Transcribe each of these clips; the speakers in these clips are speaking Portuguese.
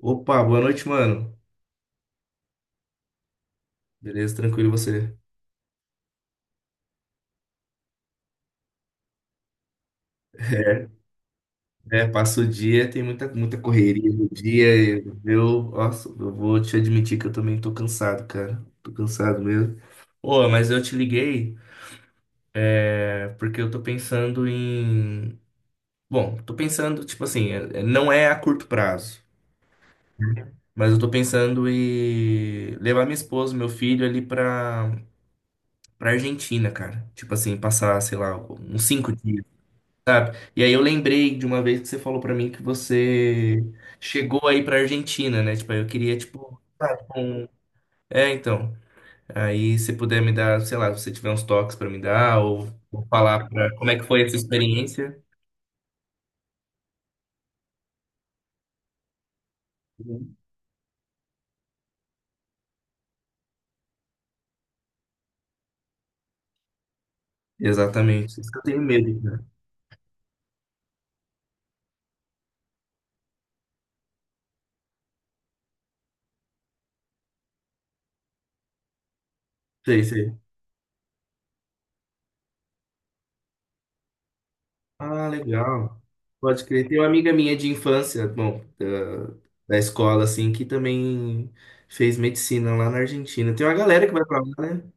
Opa, boa noite, mano. Beleza, tranquilo e você? É, é, passa o dia, tem muita, muita correria no dia. E eu, nossa, eu vou te admitir que eu também tô cansado, cara. Tô cansado mesmo. Ô, mas eu te liguei, porque eu tô pensando em. Bom, tô pensando, tipo assim, não é a curto prazo, mas eu tô pensando em levar minha esposa, meu filho ali pra Argentina, cara. Tipo assim, passar, sei lá, uns 5 dias. Sabe? E aí eu lembrei de uma vez que você falou pra mim que você chegou aí pra Argentina, né? Tipo, aí eu queria, tipo, sabe. É, então. Aí se puder me dar, sei lá, se você tiver uns toques pra me dar, ou falar pra. Como é que foi essa experiência? Uhum. Exatamente. Isso que eu tenho medo, né? Sei, sei. Ah, legal. Pode crer. Tem uma amiga minha de infância, bom, da escola, assim, que também fez medicina lá na Argentina. Tem uma galera que vai pra lá, né?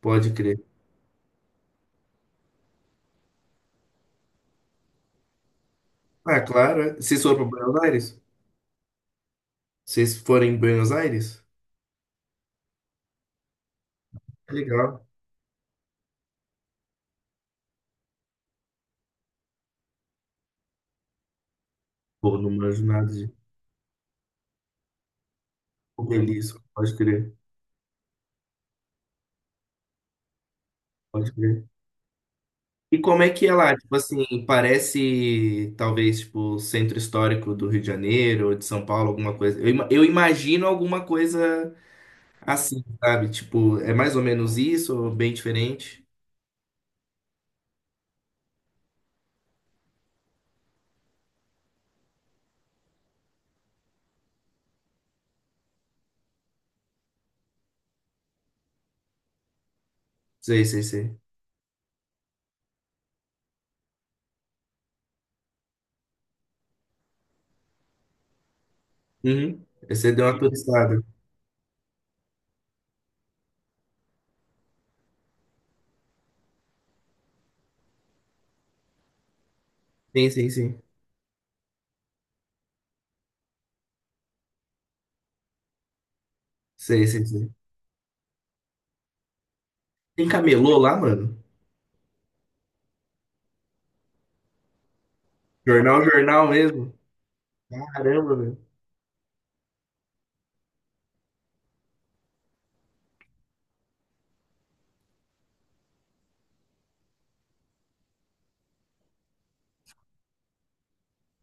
Pode crer. Ah, claro. Vocês foram para Buenos Aires? Vocês forem em Buenos Aires? É legal. Pô, não manjo nada de obelisco. Pode crer, pode crer. E como é que é lá? Tipo assim, parece talvez tipo o centro histórico do Rio de Janeiro ou de São Paulo, alguma coisa. Eu imagino alguma coisa assim, sabe? Tipo, é mais ou menos isso ou bem diferente? Sei, sei, sei. Uhum. Você deu uma turistada. Sim, sim, sim. Sei, sei, sei. Tem camelô lá, mano? Jornal, jornal mesmo? Caramba,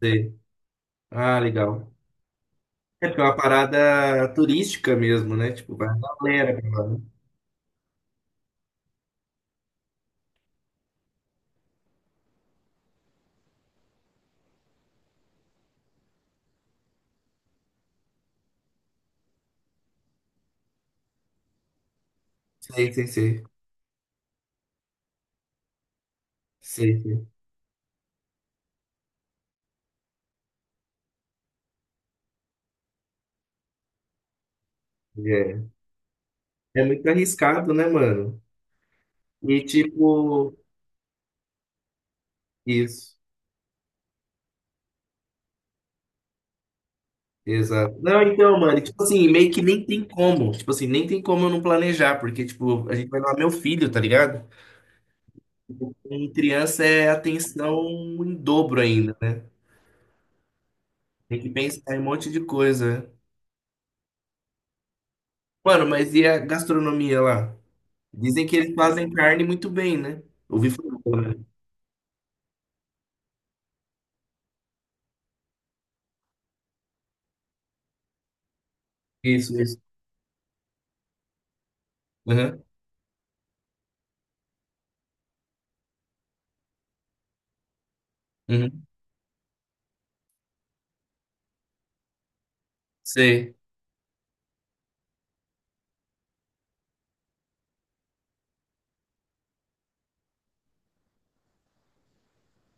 Sei. Ah, legal. É porque é uma parada turística mesmo, né? Tipo, vai uma galera pra lá, né? Sei, sei, sei. Sei, sei. É. É muito arriscado, né, mano? E tipo, isso. Exato. Não, então, mano, e, tipo assim, meio que nem tem como. Tipo assim, nem tem como eu não planejar, porque, tipo, a gente vai lá meu filho, tá ligado? Em criança é atenção em dobro ainda, né? Tem que pensar em um monte de coisa, né? Mano, mas e a gastronomia lá? Dizem que eles fazem carne muito bem, né? Ouvi falar, pelo menos. Isso, isso. Aham, uhum. Sei.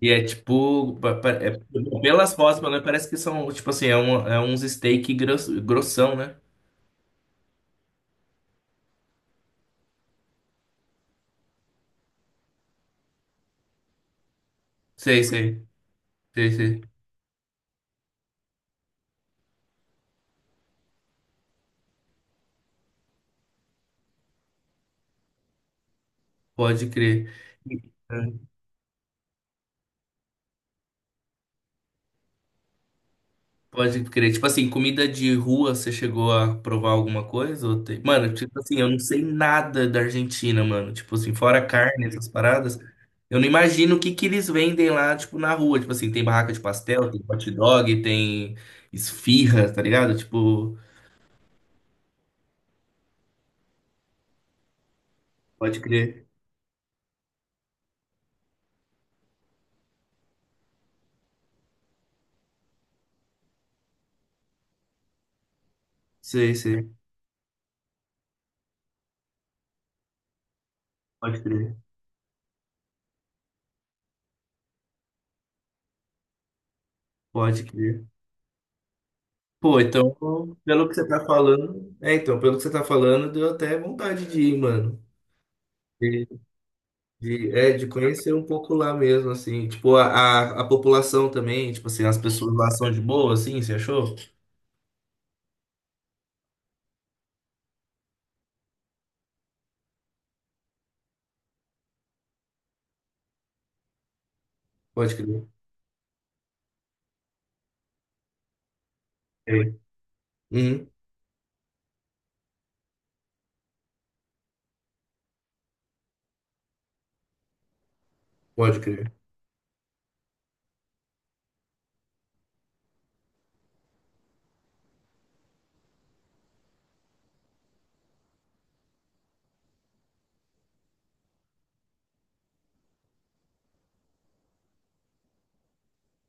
E é tipo, pelas fotos, pelo menos parece que são, tipo assim, é uns steak gross, grossão, né? Sei, sei, sei, sei. Pode crer. Pode crer. Tipo assim, comida de rua, você chegou a provar alguma coisa? Mano, tipo assim, eu não sei nada da Argentina, mano. Tipo assim, fora carne, essas paradas. Eu não imagino o que que eles vendem lá, tipo, na rua. Tipo assim, tem barraca de pastel, tem hot dog, tem esfirra, tá ligado? Tipo, pode crer. Sei, sei. Pode crer. Pode crer. Pô, então, pelo que você tá falando. É, então, pelo que você tá falando, deu até vontade de ir, mano. De conhecer um pouco lá mesmo, assim. Tipo, a população também, tipo assim, as pessoas lá são de boa, assim, você achou? Pode crer. É. Uhum, pode crer.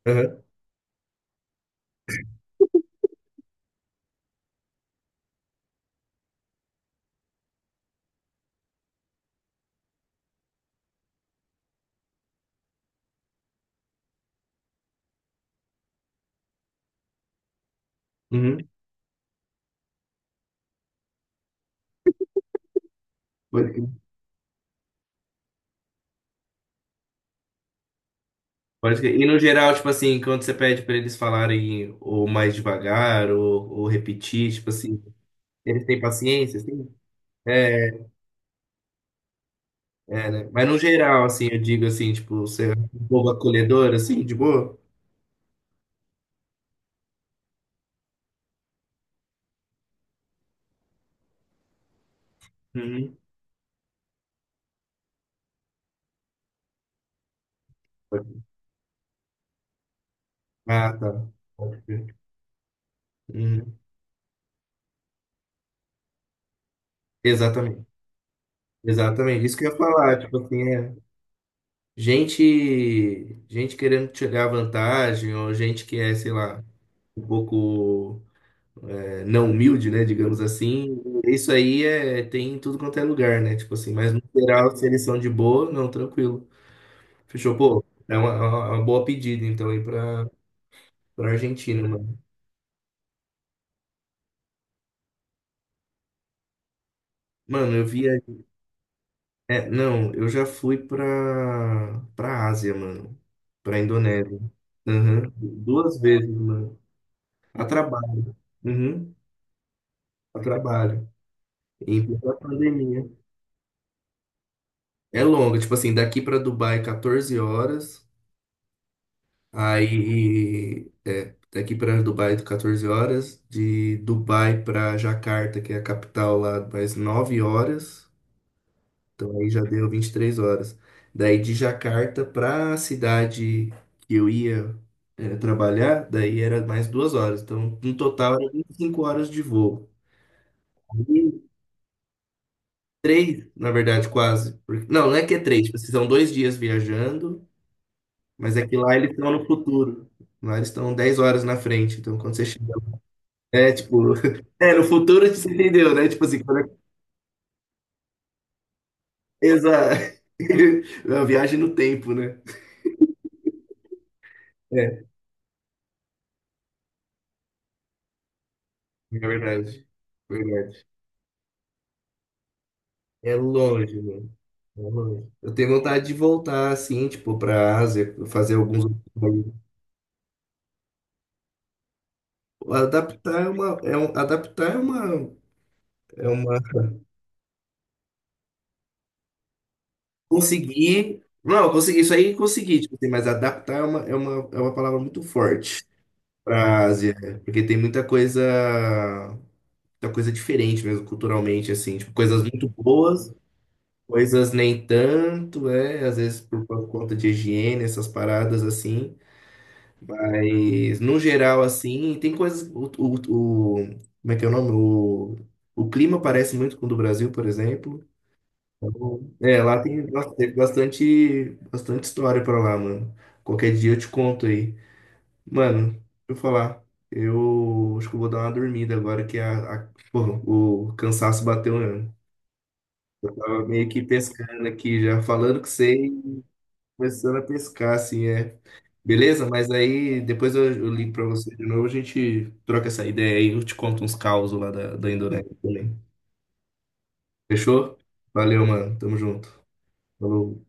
Aham, uhum, pode crer. Pode crer. E no geral, tipo assim, quando você pede pra eles falarem ou mais devagar ou repetir, tipo assim, eles têm paciência, assim? É, é, né? Mas no geral, assim, eu digo assim, tipo, você é um povo acolhedor, assim, de boa? Uhum. Ah, tá. Pode crer. Uhum. Exatamente. Exatamente, isso que eu ia falar, tipo assim, é gente querendo tirar vantagem, ou gente que é, sei lá, um pouco não humilde, né, digamos assim, isso aí é, tem em tudo quanto é lugar, né, tipo assim, mas no geral, se eles são de boa, não, tranquilo, fechou, pô, é uma boa pedida, então, aí pra, pra, Argentina, mano. Mano, não, eu já fui pra, pra Ásia, mano, pra Indonésia. Aham. Duas vezes, mano, a trabalho. Uhum, a trabalho. Em plena pandemia. É longa, tipo assim, daqui pra Dubai 14 horas, aí daqui pra Dubai 14 horas, de Dubai pra Jacarta, que é a capital lá, mais 9 horas, então aí já deu 23 horas. Daí de Jacarta pra cidade que eu ia trabalhar, daí era mais 2 horas, então no total era 25 horas de voo. Três, na verdade, quase. Não, não é que é três, tipo, vocês são 2 dias viajando, mas é que lá eles estão no futuro. Lá eles estão 10 horas na frente. Então, quando você chega. É, tipo. É, no futuro você entendeu, né? Tipo assim, quando é. Exato. É uma viagem no tempo, né? É, é verdade. Verdade. É longe, mano. É longe. Eu tenho vontade de voltar, assim, tipo, pra Ásia, fazer alguns. Adaptar é uma. É um... Adaptar é uma. É uma. Consegui. Não, eu consegui. Isso aí consegui, tipo assim, mas adaptar é uma palavra muito forte pra Ásia, né? Porque tem muita coisa diferente mesmo, culturalmente, assim, tipo, coisas muito boas, coisas nem tanto, às vezes por conta de higiene, essas paradas assim, mas no geral, assim, tem coisas, como é que é o nome? O clima parece muito com o do Brasil, por exemplo. Então, lá tem, nossa, teve bastante, bastante história pra lá, mano. Qualquer dia eu te conto aí. Mano, deixa eu falar. Eu acho que eu vou dar uma dormida agora que pô, o cansaço bateu mesmo. Eu tava meio que pescando aqui já, falando que sei, começando a pescar, assim. Beleza? Mas aí depois eu ligo pra você de novo, a gente troca essa ideia aí, eu te conto uns causos lá da Indonésia também. Fechou? Valeu, mano. Tamo junto. Falou.